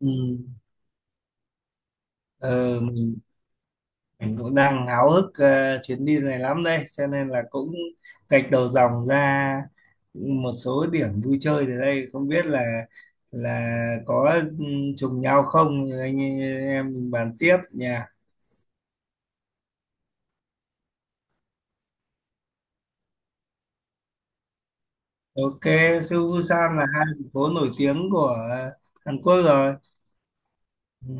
Ừ. Ờ, mình, mình cũng đang háo hức chuyến đi này lắm đây, cho nên là cũng gạch đầu dòng ra một số điểm vui chơi ở đây, không biết là có ừ, trùng nhau không, anh em mình bàn tiếp nha. Ok. Seoul Busan là hai thành phố nổi tiếng của Hàn Quốc rồi. Ừ.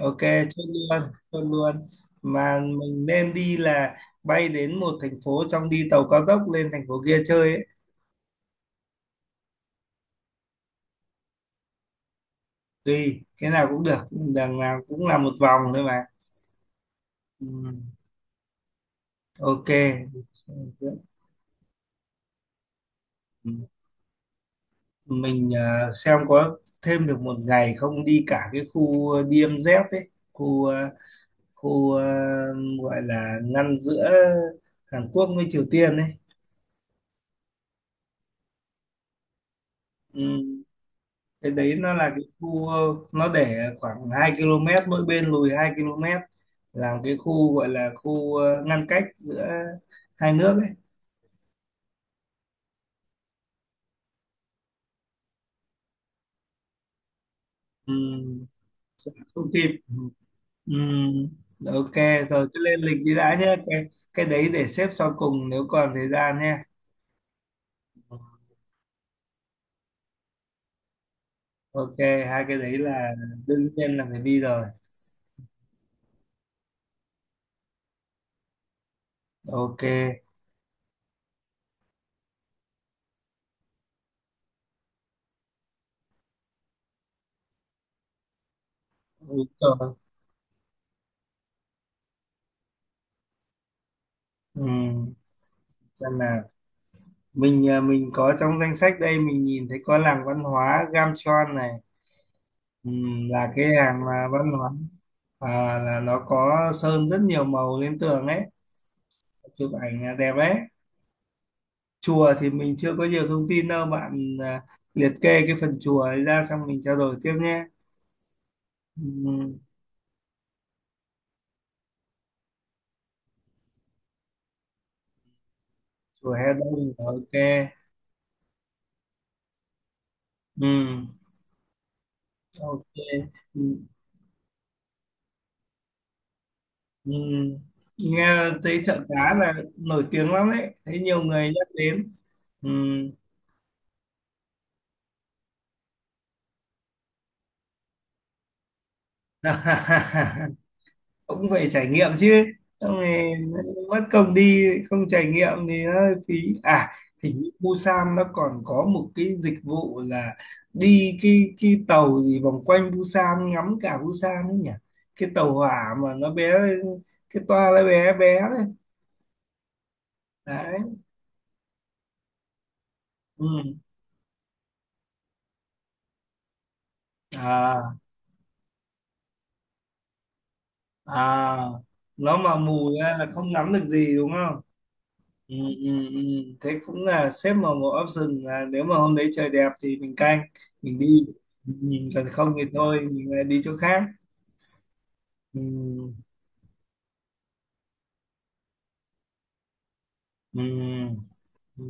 Ok, chốt luôn chốt luôn, mà mình nên đi là bay đến một thành phố trong, đi tàu cao tốc lên thành phố kia chơi ấy. Tùy cái nào cũng được, đằng nào cũng là một vòng thôi mà. ừ, ok. Ừ, mình xem có thêm được một ngày không, đi cả cái khu DMZ ấy, khu gọi là ngăn giữa Hàn Quốc với Triều Tiên ấy. Ừ, cái đấy nó là cái khu, nó để khoảng 2 km mỗi bên, lùi 2 km làm cái khu, gọi là khu ngăn cách giữa hai nước ấy. Ừ, không kịp. Ừ. Ừ, ok, rồi cứ lên lịch đi đã nhé, cái đấy để xếp sau cùng nếu còn thời gian nhé. Ok, hai cái đấy là đương nhiên là phải đi rồi. Ok. Đúng rồi. Ừ. Xem nào, mình có trong danh sách đây, mình nhìn thấy có làng văn hóa Gamcheon này. Ừ, là cái làng mà văn hóa, là nó có sơn rất nhiều màu lên tường ấy, chụp ảnh đẹp ấy. Chùa thì mình chưa có nhiều thông tin đâu bạn, liệt kê cái phần chùa ấy ra xong mình trao đổi tiếp nhé. Ừ, chùa Hè Đông là ok. Ừ, ok. Ừ, ừ. Nghe thấy chợ cá là nổi tiếng lắm đấy, thấy nhiều người nhắc đến. Ừ. Cũng phải trải nghiệm chứ, xong rồi mất công đi không trải nghiệm thì nó hơi phí. à Hình như Busan nó còn có một cái dịch vụ là đi cái tàu gì vòng quanh Busan, ngắm cả Busan ấy nhỉ, cái tàu hỏa mà nó bé, cái toa nó bé bé đấy. Đấy. Ừ. à à nó mà mù ra là không ngắm được gì đúng không? Ừ, ừ, ừ. Thế cũng là xếp vào một option, là nếu mà hôm đấy trời đẹp thì mình canh mình đi. ừ, Còn không thì thôi, mình lại đi chỗ khác. Ừ, ừ, ừ.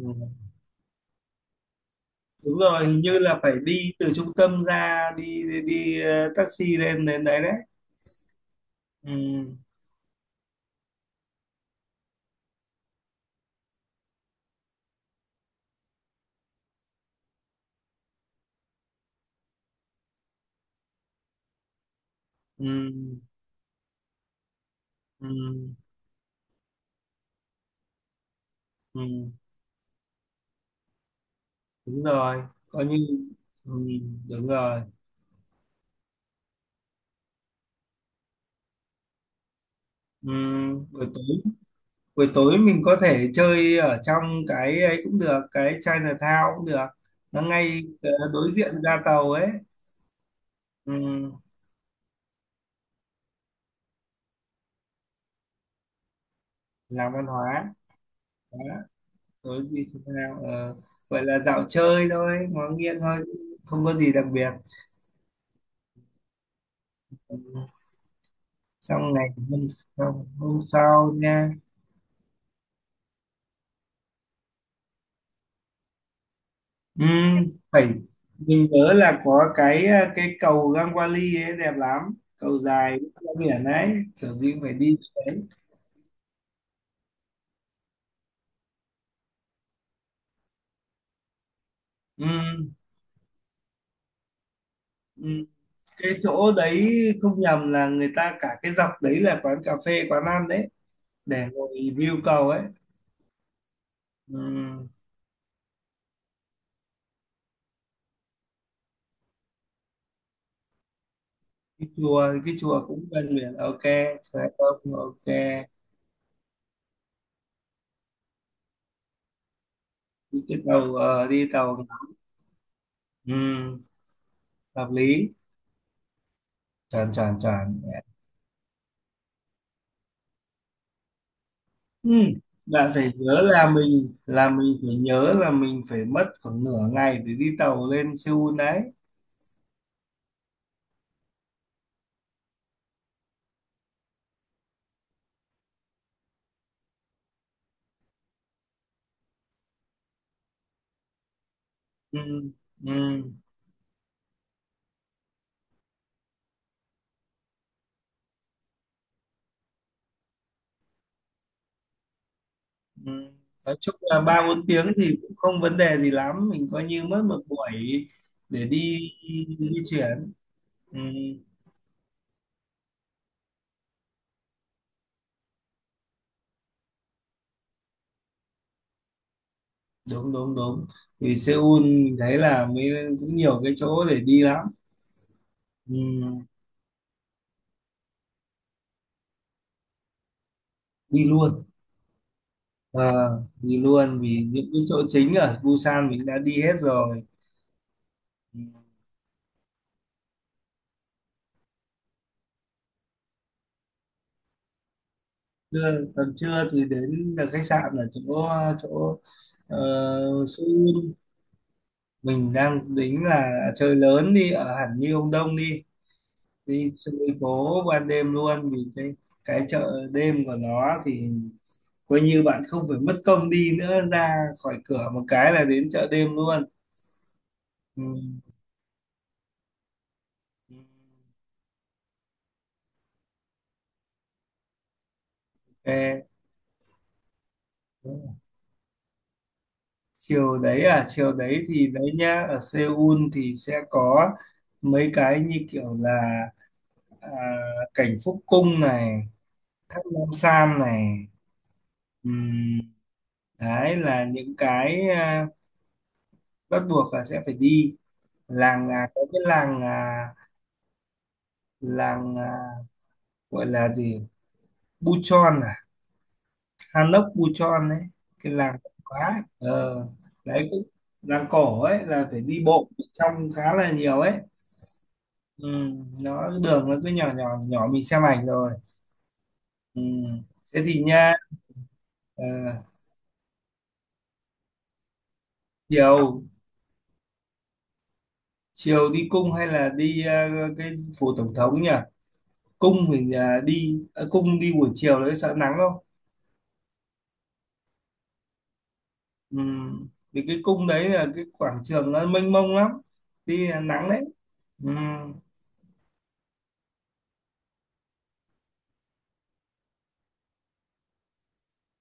Đúng rồi, hình như là phải đi từ trung tâm ra, đi đi taxi lên đến đấy đấy. Ừ, ừ, ừ, ừ. Đúng rồi. Coi như, ừ, đúng rồi. Ừ, buổi tối, buổi tối mình có thể chơi ở trong cái ấy cũng được, cái Chinatown cũng được, nó ngay đối diện ga tàu ấy. Ừ. Làm văn hóa. Đó, tối đi Chinatown, gọi là dạo chơi thôi, ngó nghiêng thôi, không có gì đặc biệt. Ừ. Xong ngày hôm sau nha. Ừ, phải, mình nhớ là có cái cái cầu Gangwali ấy đẹp lắm, cầu dài ra biển ấy, kiểu gì cũng phải đi cái đấy. Ừ. Ừ. Cái chỗ đấy không nhầm là người ta cả cái dọc đấy là quán cà phê, quán ăn đấy, để ngồi view cầu ấy. Ừ. Cái chùa, cái chùa cũng gần biển. Ok, chùa không, ok. Đi cái tàu, đi tàu. Ừ. Hợp lý. Tròn tròn tròn. Ừ. Bạn phải nhớ là mình phải nhớ là mình phải mất khoảng nửa ngày để đi tàu lên Seoul đấy. Ừ. Ừ. Ừ. Nói chung là 3 4 tiếng thì cũng không vấn đề gì lắm, mình coi như mất một buổi để đi di chuyển. Ừ. Đúng đúng đúng, thì Seoul mình thấy là mới cũng nhiều cái chỗ để đi lắm. Ừ. Đi luôn. Ờ, đi luôn vì những cái chỗ chính ở Busan mình đã đi hết rồi. Ừ. Trưa, còn trưa thì đến là khách sạn ở chỗ, chỗ, ờ, Seoul mình đang tính là chơi lớn, đi ở hẳn Myeongdong đi, đi chơi phố ban đêm luôn, vì cái chợ đêm của nó thì coi như bạn không phải mất công đi nữa, ra khỏi cửa một cái là đến chợ đêm luôn. Ừ. Ừ. Chiều đấy à? Chiều đấy thì đấy nhá, ở Seoul thì sẽ có mấy cái như kiểu là, à, cảnh Phúc Cung này, Thác Nam Sam này. Ừm, đấy là những cái bắt buộc là sẽ phải đi. Làng, có cái làng, làng à, gọi là gì, Buchon à, Hanok Buchon ấy, cái làng quá đấy cũng, làng cổ ấy là phải đi bộ trong khá là nhiều ấy. Ừ, nó đường nó cứ nhỏ nhỏ nhỏ, mình xem ảnh rồi. Ừ. Thế thì nha, ờ, chiều, chiều đi cung hay là đi cái phủ tổng thống nhỉ? Cung mình, đi cung đi buổi chiều đấy sợ nắng không. Ừ, vì cái cung đấy là cái quảng trường nó mênh mông lắm, đi là nắng đấy. Ừ.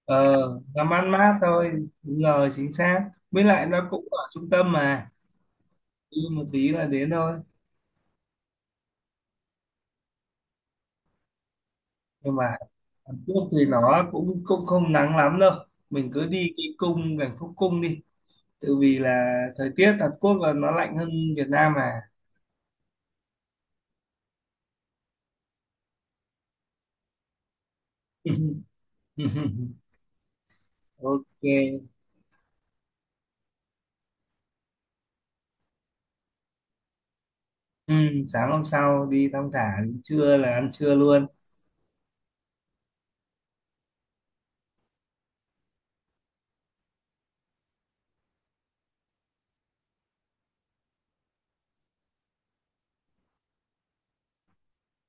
Ờ làm ăn mát thôi, đúng rồi, chính xác, với lại nó cũng ở trung tâm mà, đi một tí là đến thôi. Nhưng mà Hàn Quốc thì nó cũng cũng không nắng lắm đâu, mình cứ đi cái cung cảnh Phúc Cung đi, tự vì là thời tiết Hàn Quốc là nó lạnh hơn Việt Nam mà. Ok. Ừ, sáng hôm sau đi thong thả đến trưa là ăn trưa luôn.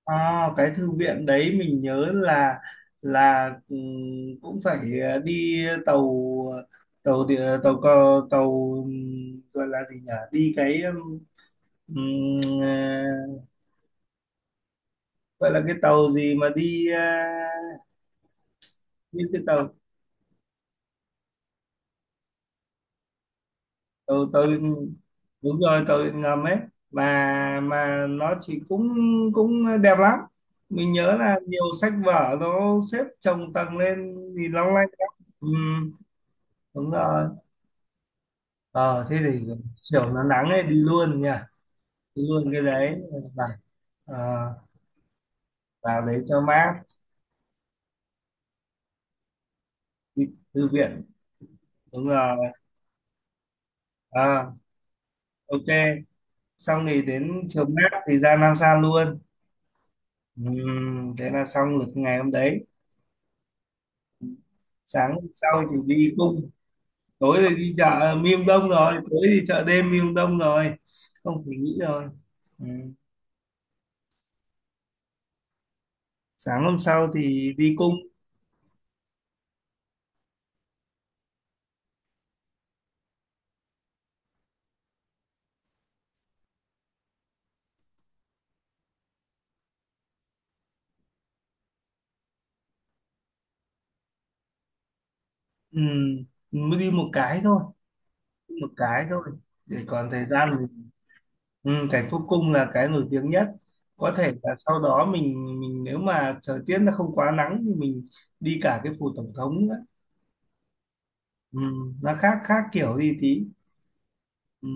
À, cái thư viện đấy mình nhớ là, là ừm, cũng phải đi tàu, tàu địa- tàu cờ tàu gọi là gì nhỉ, đi cái ờ, gọi là cái tàu gì mà đi như cái tàu, tàu đúng rồi, tàu điện ngầm ấy, mà nó chỉ cũng cũng đẹp lắm, mình nhớ là nhiều sách vở nó xếp chồng tầng lên thì long lanh lắm. Ừm, đúng rồi. Ờ, thế thì chiều nó nắng ấy đi luôn nha, đi luôn cái đấy, và ờ, vào đấy cho mát. Đi thư viện. Đúng rồi. Ờ, ok, xong thì đến chiều mát thì ra Nam Sa luôn. Thế là xong được ngày hôm đấy. Sáng hôm sau thì đi cung, tối thì đi chợ Miêm Đông rồi, tối thì chợ đêm Miêm Đông rồi, không phải nghĩ rồi. Ừm. Sáng hôm sau thì đi cung. Ừm, mới đi một cái thôi, một cái thôi để còn thời gian. Ừ, cảnh phúc cung là cái nổi tiếng nhất, có thể là sau đó mình nếu mà thời tiết nó không quá nắng thì mình đi cả cái phủ tổng thống nữa. Ừ, nó khác khác kiểu đi tí. Ừ,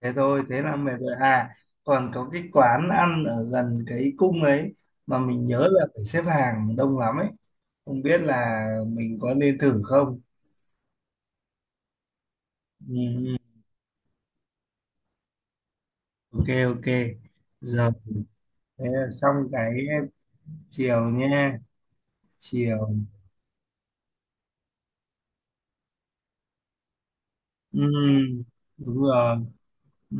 thế thôi, thế là mệt rồi. À còn có cái quán ăn ở gần cái cung ấy mà mình nhớ là phải xếp hàng đông lắm ấy, không biết là mình có nên thử không. Ừ, ừ. Ok ok. Giờ. Thế là xong cái. Chiều nha, chiều. Ừ, đúng rồi. Ừ,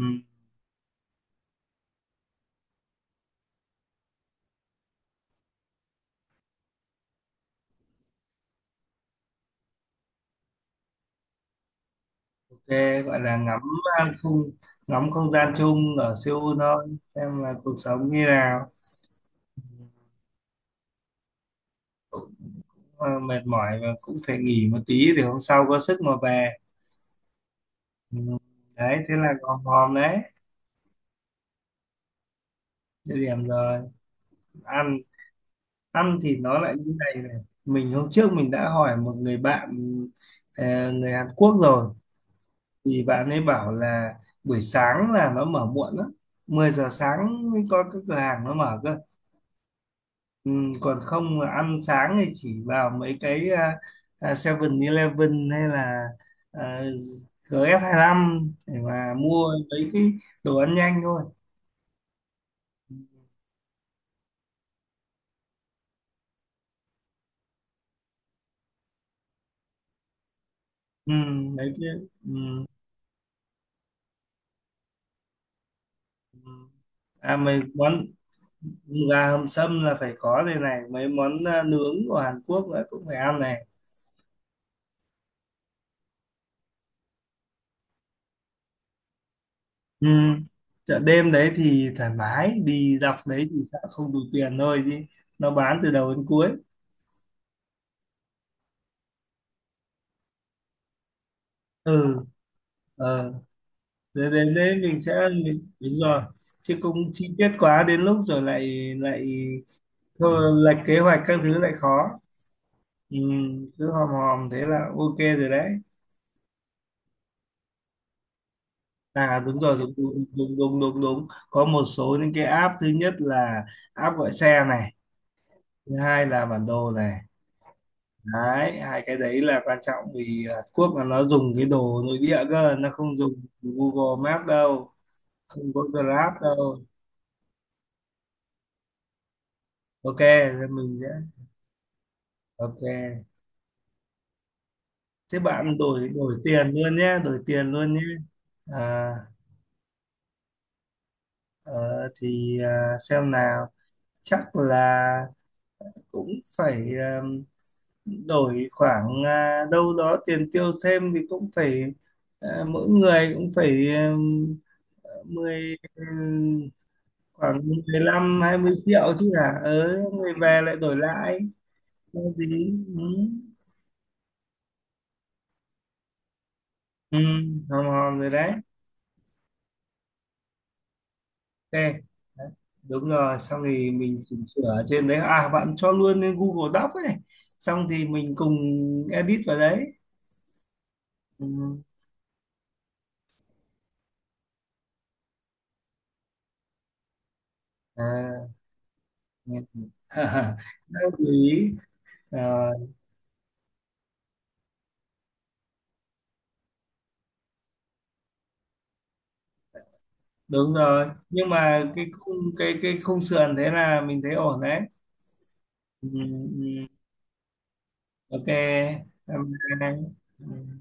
ok. Gọi là ngắm không, ngắm không gian chung ở Seoul thôi, xem là cuộc sống như nào. Cũng, mệt mỏi và cũng phải nghỉ một tí để hôm sau có sức mà về. Ừ. Đấy thế là hòm hòm đấy. Địa điểm rồi. Ăn, ăn thì nó lại như này này, hôm trước mình đã hỏi một người bạn, người Hàn Quốc rồi, thì bạn ấy bảo là buổi sáng là nó mở muộn lắm, 10 giờ sáng mới có cái cửa hàng nó mở cơ. Ừ, còn không mà ăn sáng thì chỉ vào mấy cái Seven Eleven, hay là à, gs lăm để mà mua mấy cái đồ ăn nhanh thôi. Ừ, mấy cái. Ừ. Ừ. À mấy món, gà hầm sâm là phải có đây này, mấy món nướng của Hàn Quốc nữa cũng phải ăn này. Ừ. Chợ đêm đấy thì thoải mái, đi dọc đấy thì sợ không đủ tiền thôi chứ, nó bán từ đầu đến cuối. Ừ. Ờ. Để đến đấy mình sẽ mình, đúng rồi, chứ cũng chi tiết quá đến lúc rồi lại lại thôi, lệch kế hoạch các thứ lại khó. Ừ, cứ hòm hòm thế là ok rồi đấy. Đúng rồi, đúng đúng đúng đúng, đúng. Đúng. Có một số những cái app, thứ nhất là app gọi xe này, thứ hai là bản đồ này, đấy hai cái đấy là quan trọng, vì Hàn Quốc là nó dùng cái đồ nội địa cơ, nó không dùng Google Maps đâu, không có Grab đâu. Ok thì mình sẽ, ok. Thế bạn đổi đổi tiền luôn nhé, đổi tiền luôn nhé. à, ờ, thì xem nào, chắc là cũng phải, đổi khoảng, đâu đó tiền tiêu thêm thì cũng phải, mỗi người cũng phải mười khoảng 15 20 triệu chứ hả, ờ người về lại đổi lại có gì. Ừ. Ừ, hòm hòm rồi đấy. Đấy, đúng rồi, xong thì mình chỉnh sửa ở trên đấy, bạn cho luôn lên Google Doc ấy, xong thì mình cùng edit vào đấy. Ừ. à, nghe- Đang lưu ý. À, đúng rồi, nhưng mà cái khung, cái khung sườn thế là mình thấy ổn đấy. Ừ, ừ. Ừ. Ok. Bye bye. Ừ.